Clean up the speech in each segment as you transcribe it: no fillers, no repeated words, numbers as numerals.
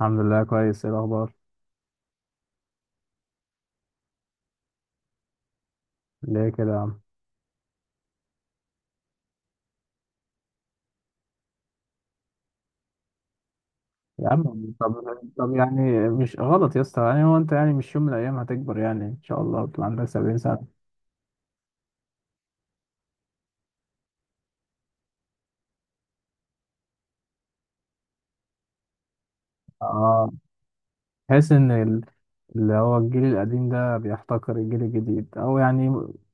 الحمد لله، كويس. ايه الاخبار؟ ليه كده يا عم؟ يا عم طب طب يعني مش غلط يا اسطى. يعني هو انت، يعني مش يوم من الايام هتكبر؟ يعني ان شاء الله تبقى عندك 70 سنه. اه. تحس ان اللي هو الجيل القديم ده بيحتقر الجيل الجديد، او يعني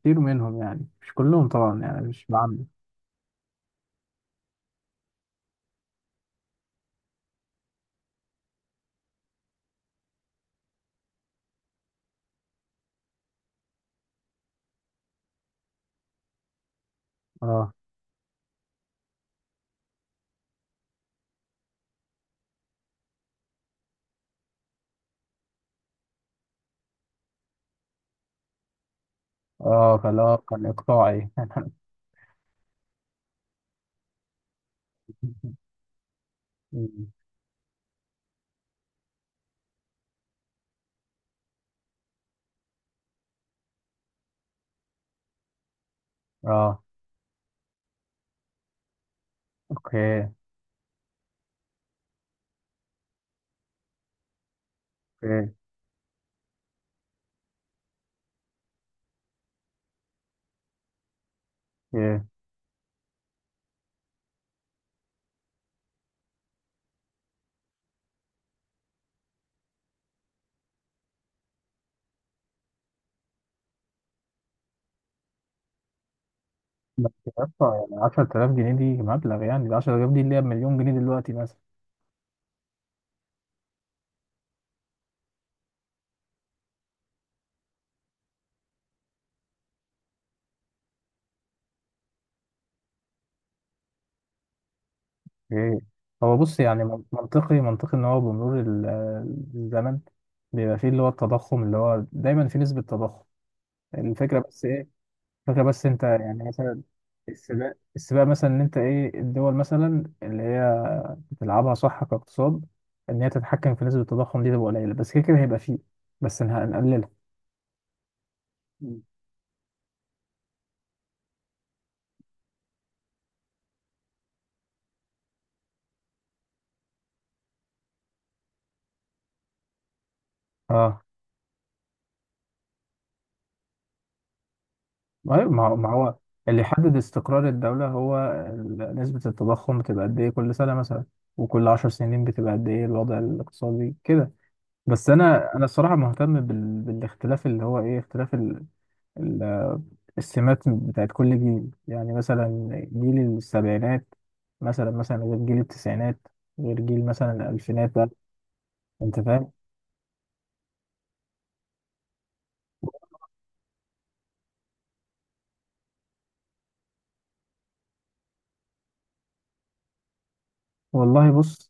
كتير منهم، يعني مش كلهم طبعا، يعني مش بعمم. اه، اه، فاللي هو كان اقطاعي. مم. اه. اوكي، اوكي، اوكي. بس يا اسطى، يعني 10000 جنيه دي مبلغ، يعني ال 10000 جنيه اللي هي بمليون جنيه دلوقتي. ايه؟ هو بص، يعني منطقي، منطقي ان هو بمرور الزمن بيبقى فيه اللي هو التضخم، اللي هو دايما في نسبة تضخم. الفكرة بس ايه، الفكرة بس انت يعني مثلا السباق، السباق مثلا ان انت ايه الدول مثلا اللي هي بتلعبها صح كاقتصاد، ان هي تتحكم في نسبة التضخم دي، تبقى قليلة. بس كده كده هيبقى فيه. بس هنقللها. مم. اه. أيوة، ما هو اللي يحدد استقرار الدولة هو نسبة التضخم، بتبقى قد إيه كل سنة مثلا، وكل 10 سنين بتبقى قد إيه الوضع الاقتصادي كده. بس أنا الصراحة مهتم بال... بالاختلاف. اللي هو إيه اختلاف ال... ال... السمات بتاعت كل جيل. يعني مثلا جيل السبعينات مثلا غير جيل التسعينات، غير جيل مثلا الألفينات بقى. أنت فاهم. والله بص.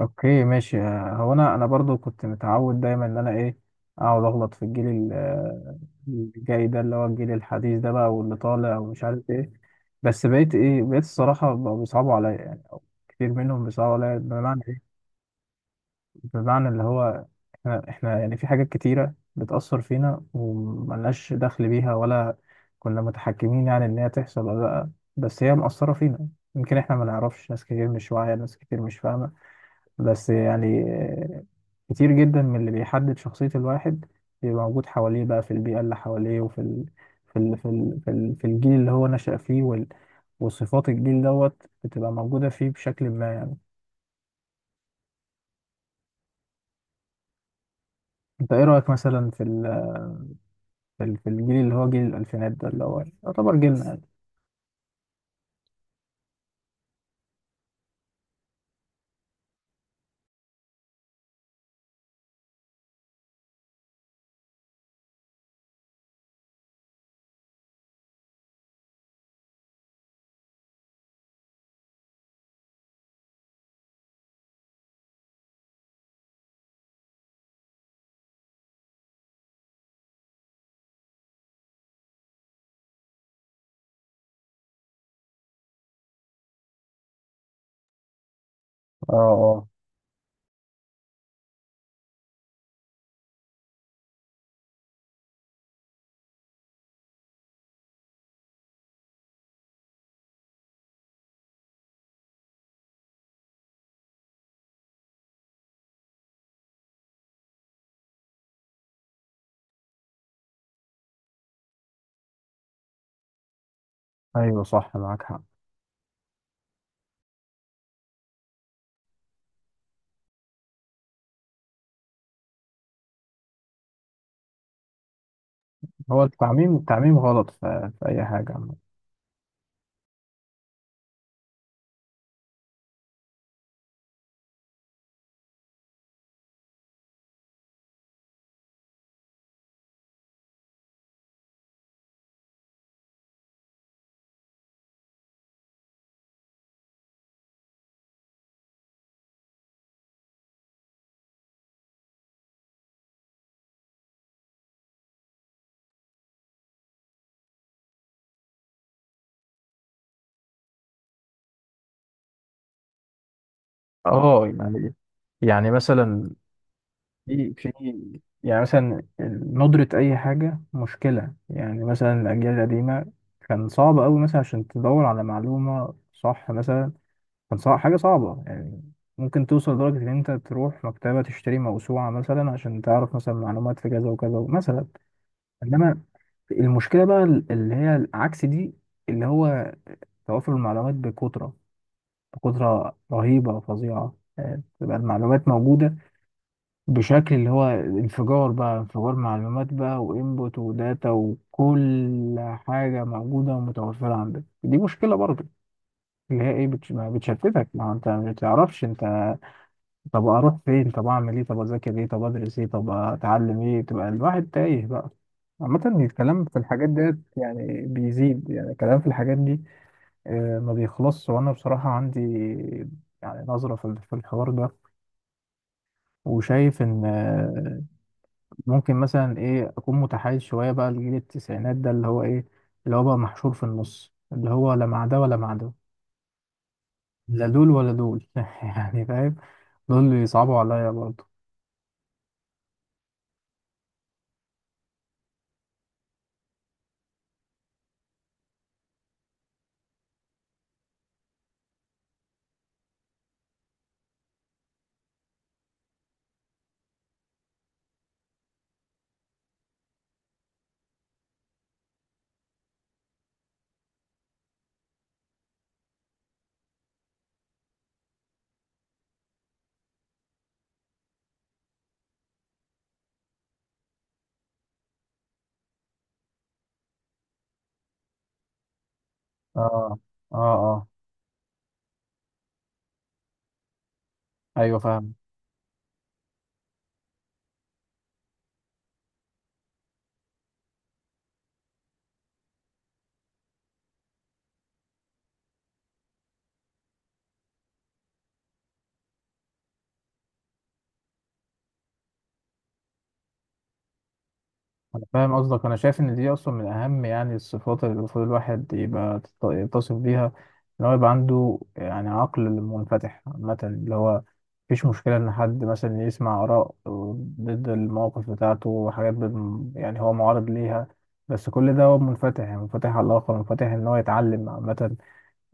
اوكي ماشي. هو انا برضو كنت متعود دايما ان انا ايه، اقعد اغلط في الجيل الجاي ده، اللي هو الجيل الحديث ده بقى، واللي طالع ومش عارف ايه. بس بقيت ايه، بقيت الصراحه بقوا بيصعبوا عليا، يعني أو كتير منهم بيصعبوا عليا. بمعنى ايه؟ بمعنى اللي هو احنا يعني في حاجات كتيره بتاثر فينا، وملناش دخل بيها، ولا كنا متحكمين يعني ان هي تحصل ولا لا، بس هي مأثره فينا. يمكن احنا ما نعرفش. ناس كتير مش واعيه، ناس كتير مش فاهمه. بس يعني كتير جدا من اللي بيحدد شخصية الواحد بيبقى موجود حواليه بقى، في البيئة اللي حواليه، وفي ال... في ال... في ال... في ال... في الجيل اللي هو نشأ فيه، وال... وصفات الجيل دوت بتبقى موجودة فيه بشكل ما يعني. انت ايه رأيك مثلا في ال... في في الجيل اللي هو جيل الألفينات ده، اللي هو يعتبر جيلنا يعني. اه، اه. ايوه صح، معاك حق. هو التعميم، التعميم غلط في أي حاجة عامة. اه، يعني مثلا في يعني مثلا ندرة أي حاجة مشكلة. يعني مثلا الأجيال القديمة كان صعب أوي مثلا عشان تدور على معلومة صح مثلا. كان صعب، حاجة صعبة يعني. ممكن توصل لدرجة إن أنت تروح مكتبة تشتري موسوعة مثلا عشان تعرف مثلا معلومات في كذا وكذا مثلا. إنما المشكلة بقى اللي هي عكس دي، اللي هو توافر المعلومات بكثرة. بكثرة رهيبة وفظيعة، يعني تبقى المعلومات موجودة بشكل اللي هو انفجار بقى، انفجار معلومات بقى، وانبوت وداتا وكل حاجة موجودة ومتوفرة عندك. دي مشكلة برضه، اللي هي ايه، ما بتشتتك. ما هو انت ما بتعرفش انت، طب اروح فين، طب اعمل ايه، طب اذاكر ايه، طب ادرس ايه، طب اتعلم ايه. تبقى الواحد تايه بقى. عامة الكلام في الحاجات ديت يعني بيزيد، يعني الكلام في الحاجات دي ما بيخلصش. وأنا بصراحة عندي يعني نظرة في الحوار ده، وشايف إن ممكن مثلا ايه اكون متحيز شويه بقى لجيل التسعينات ده، اللي هو ايه، اللي هو بقى محشور في النص، اللي هو لا مع ده ولا مع ده. لا دول ولا دول. يعني فاهم، دول اللي يصعبوا عليا برضه. اه، اه، اه. ايوه فاهم. أنا فاهم قصدك. أنا شايف إن دي أصلا من أهم يعني الصفات اللي المفروض الواحد يبقى يتصف بيها، إن هو يبقى عنده يعني عقل منفتح عامة، اللي هو مفيش مشكلة إن حد مثلا يسمع آراء ضد المواقف بتاعته، وحاجات يعني هو معارض ليها، بس كل ده هو منفتح. يعني منفتح على الآخر، منفتح إن هو يتعلم عامة،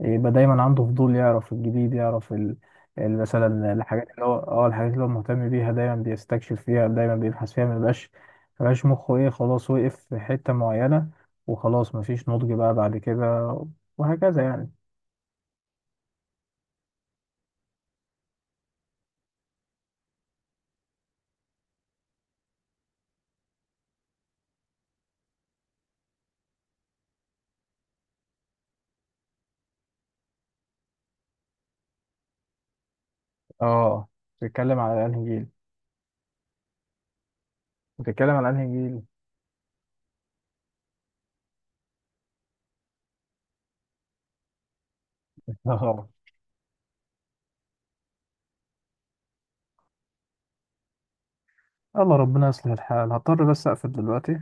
يبقى دايما عنده فضول، يعرف الجديد، يعرف ال... مثلا الحاجات اللي هو الحاجات اللي هو مهتم بيها دايما، بيستكشف فيها دايما، بيبحث فيها. ما يبقاش مخه ايه، خلاص وقف في حتة معينة، وخلاص مفيش نضج بقى بعد كده، وهكذا يعني. اه. بتتكلم على انهي جيل؟ بتتكلم على انهي جيل؟ اه. الله ربنا يصلح الحال. هضطر بس اقفل دلوقتي.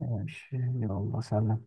ماشي يلا، سلام.